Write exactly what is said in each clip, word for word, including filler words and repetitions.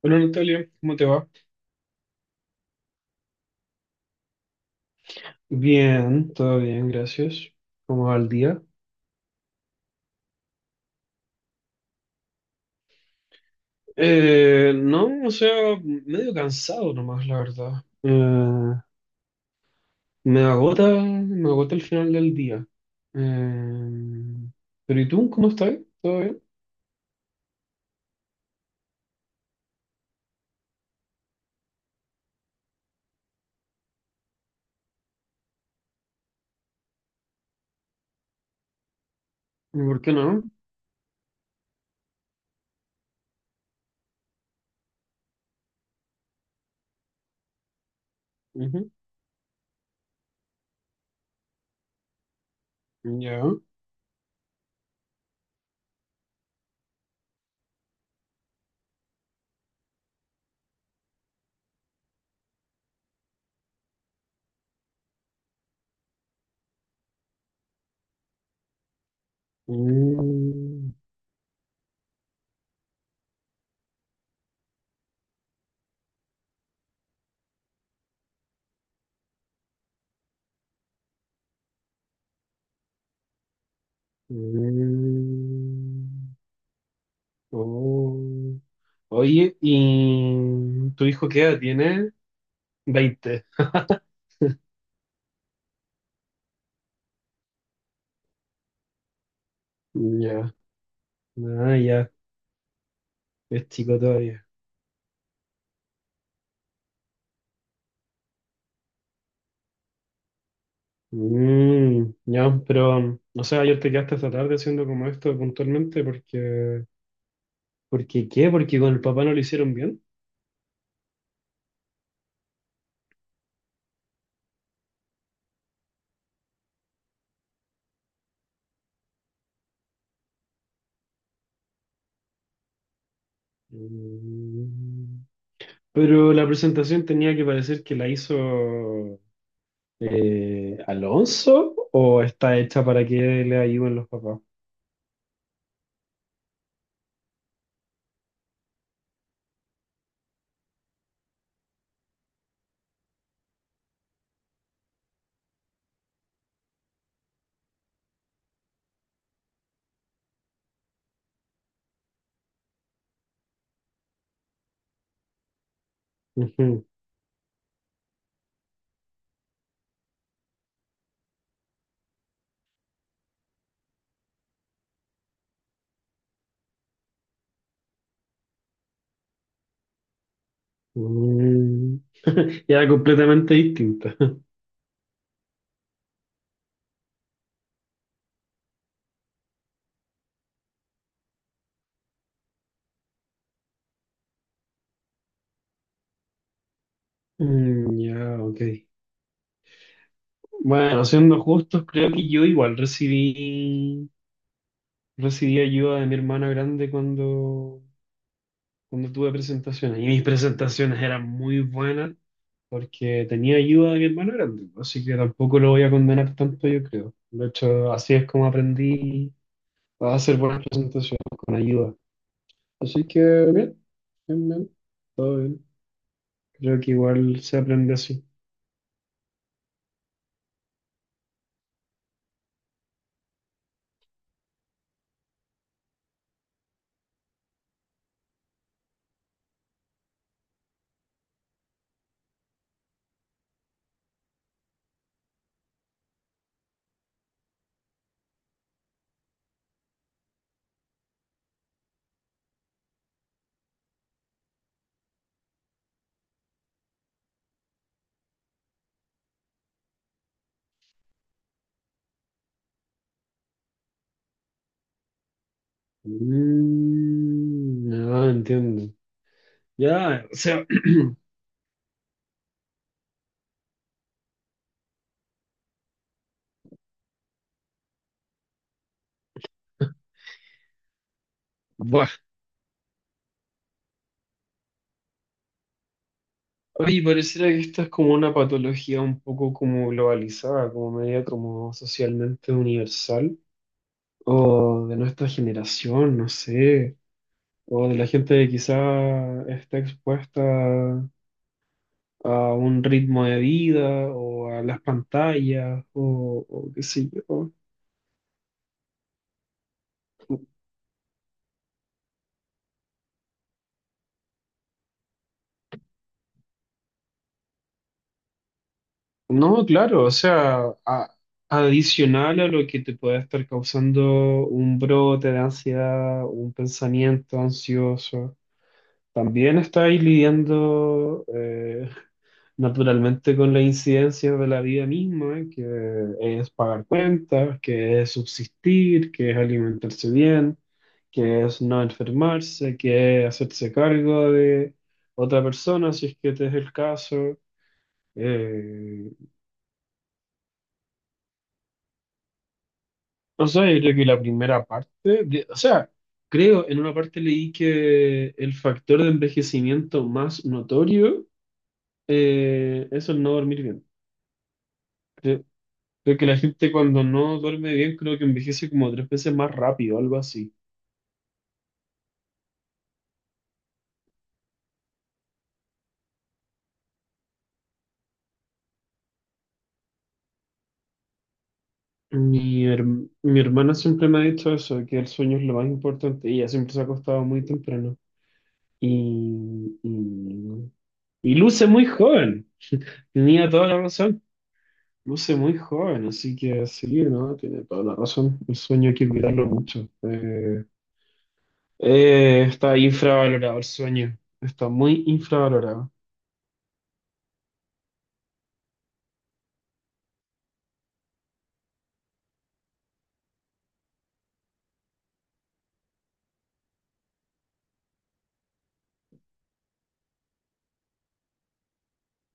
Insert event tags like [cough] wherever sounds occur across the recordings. Hola Natalia, ¿cómo te va? Bien, todo bien, gracias. ¿Cómo va el día? Eh, no, o sea, medio cansado nomás, la verdad. Eh, me agota, me agota el final del día. Eh, pero ¿y tú? ¿Cómo estás? ¿Todo bien? ¿Y por qué no? Ujú. Ya. Mm. Mm. Oh. Oye, ¿y tu hijo qué edad tiene? Veinte. Ya. Ah, ya. Es chico todavía. Mm, ya, pero, um, o sea, ayer te quedaste hasta tarde haciendo como esto puntualmente porque, porque ¿qué? Porque con el papá no lo hicieron bien. Mm, pero la presentación tenía que parecer que la hizo eh, Alonso o está hecha para que le ayuden los papás. Ujú. Mm, [laughs] era completamente distinta. Mm, ya, ok. Bueno, siendo justos, creo que yo igual recibí. Recibí ayuda de mi hermana grande cuando, cuando tuve presentaciones. Y mis presentaciones eran muy buenas porque tenía ayuda de mi hermana grande. Así que tampoco lo voy a condenar tanto, yo creo. De hecho, así es como aprendí a hacer buenas presentaciones con ayuda. Así que bien, bien, bien, todo bien. Creo que igual se aprende así. Mm, ah, entiendo. Ya, o sea, [clears throat] buah. Oye, pareciera que esta es como una patología un poco como globalizada, como media como socialmente universal, o de nuestra generación, no sé, o de la gente que quizá está expuesta a un ritmo de vida, o a las pantallas, o, o qué sé yo. No, claro, o sea, a- adicional a lo que te puede estar causando un brote de ansiedad, un pensamiento ansioso. También está ahí lidiando eh, naturalmente con las incidencias de la vida misma, eh, que es pagar cuentas, que es subsistir, que es alimentarse bien, que es no enfermarse, que es hacerse cargo de otra persona, si es que este es el caso. Eh, o sea, yo creo que la primera parte, de- o sea, creo, en una parte leí que el factor de envejecimiento más notorio eh, es el no dormir bien. Sí. Creo que la gente cuando no duerme bien, creo que envejece como tres veces más rápido, algo así. Mi, herm- mi hermana siempre me ha dicho eso, que el sueño es lo más importante. Y ella siempre se ha acostado muy temprano. Y, y, y luce muy joven. Tenía toda la razón. Luce muy joven, así que sí, ¿no? Tiene toda la razón. El sueño hay que cuidarlo mucho. Eh, eh, está infravalorado el sueño. Está muy infravalorado.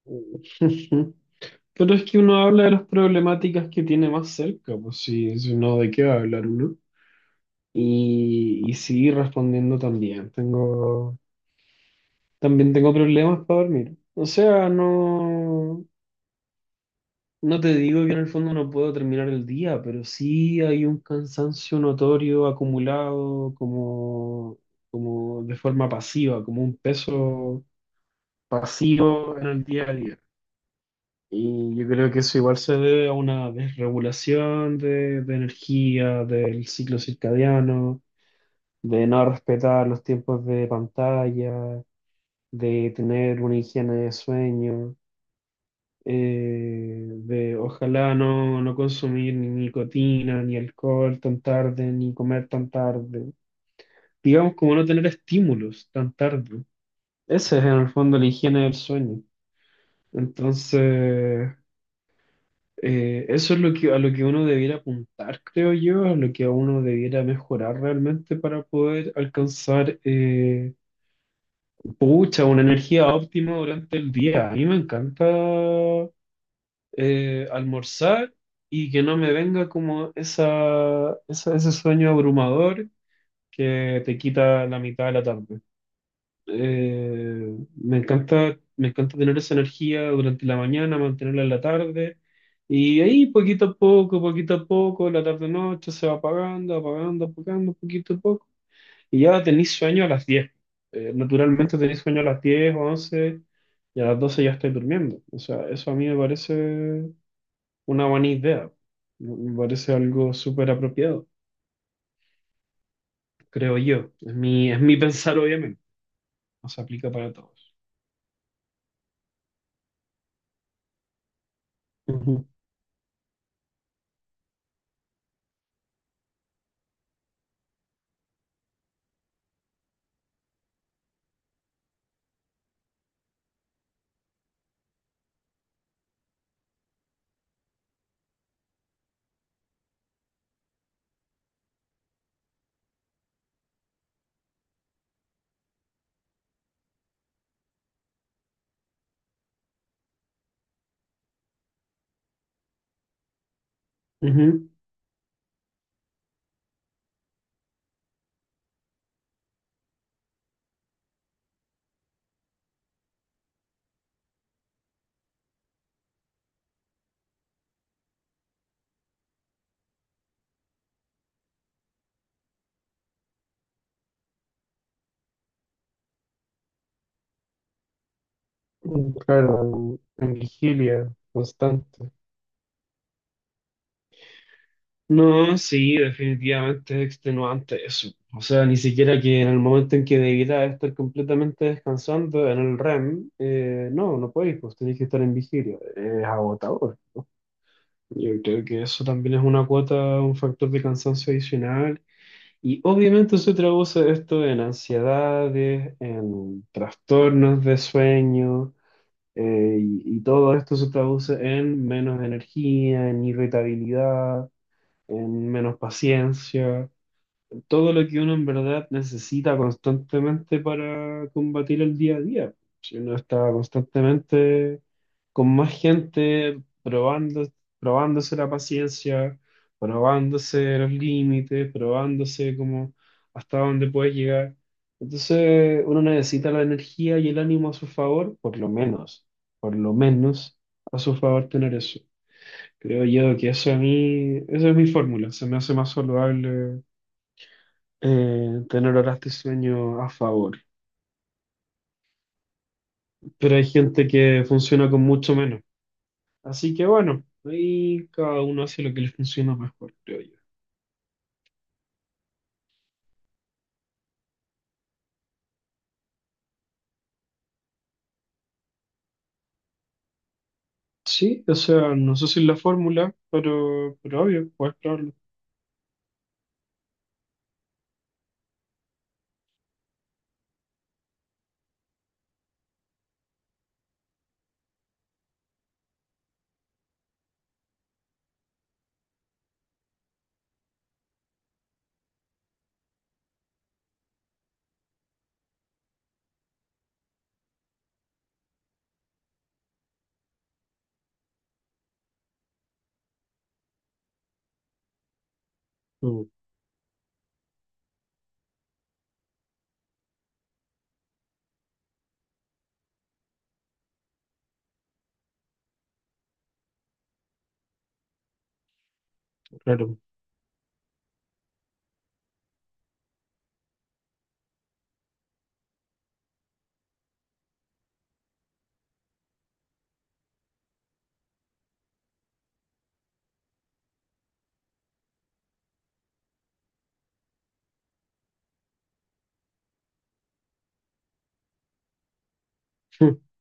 [laughs] Pero es que uno habla de las problemáticas que tiene más cerca, pues sí, si no, ¿de qué va a hablar uno? Y, y sí, respondiendo también, tengo, también tengo problemas para dormir. O sea, no, no te digo que en el fondo no puedo terminar el día, pero sí hay un cansancio notorio acumulado como, como de forma pasiva, como un peso pasivo en el día a día. Y yo creo que eso igual se debe a una desregulación de, de energía, del ciclo circadiano, de no respetar los tiempos de pantalla, de tener una higiene de sueño, eh, de ojalá no, no consumir ni nicotina, ni alcohol tan tarde, ni comer tan tarde. Digamos como no tener estímulos tan tarde. Ese es en el fondo la higiene del sueño. Entonces... Eh, eso es lo que, a lo que uno debiera apuntar, creo yo, a lo que uno debiera mejorar realmente para poder alcanzar, eh, pucha, una energía óptima durante el día. A mí me encanta eh, almorzar y que no me venga como esa, esa- ese sueño abrumador que te quita la mitad de la tarde. Eh, me encanta, me encanta tener esa energía durante la mañana, mantenerla en la tarde. Y ahí poquito a poco, poquito a poco, la tarde-noche se va apagando, apagando, apagando, poquito a poco. Y ya tenéis sueño a las diez. Eh, naturalmente tenéis sueño a las diez o once y a las doce ya estáis durmiendo. O sea, eso a mí me parece una buena idea. Me me parece algo súper apropiado, creo yo. Es mi, es mi pensar, obviamente. No se aplica para todos. Ujú, ujú. Mm, claro, en, en vigilia constante. No, sí, definitivamente es extenuante eso. O sea, ni siquiera que en el momento en que debiera estar completamente descansando en el R E M, eh, no, no podéis, pues tenéis que estar en vigilia. Es agotador, ¿no? Yo creo que eso también es una cuota, un factor de cansancio adicional. Y obviamente se traduce esto en ansiedades, en trastornos de sueño. Eh, y, y todo esto se traduce en menos energía, en irritabilidad, en menos paciencia, todo lo que uno en verdad necesita constantemente para combatir el día a día. Si uno está constantemente con más gente, probando, probándose la paciencia, probándose los límites, probándose como hasta dónde puedes llegar. Entonces uno necesita la energía y el ánimo a su favor, por lo menos, por lo menos a su favor tener eso. Creo yo que eso a mí, esa es mi fórmula, se me hace más saludable eh, tener horas de sueño a favor. Pero hay gente que funciona con mucho menos. Así que bueno, ahí cada uno hace lo que le funciona mejor, creo yo. Sí, o sea, no sé si es la fórmula, pero, pero obvio, puedes probarlo. Mm, claro. [laughs]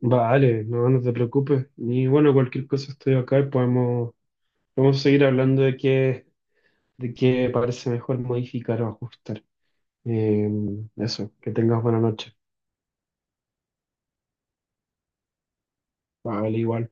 Vale, no, no te preocupes. Y bueno, cualquier cosa estoy acá y podemos, podemos seguir hablando de qué, de qué parece mejor modificar o ajustar. Eh, eso, que tengas buena noche. Vale, igual.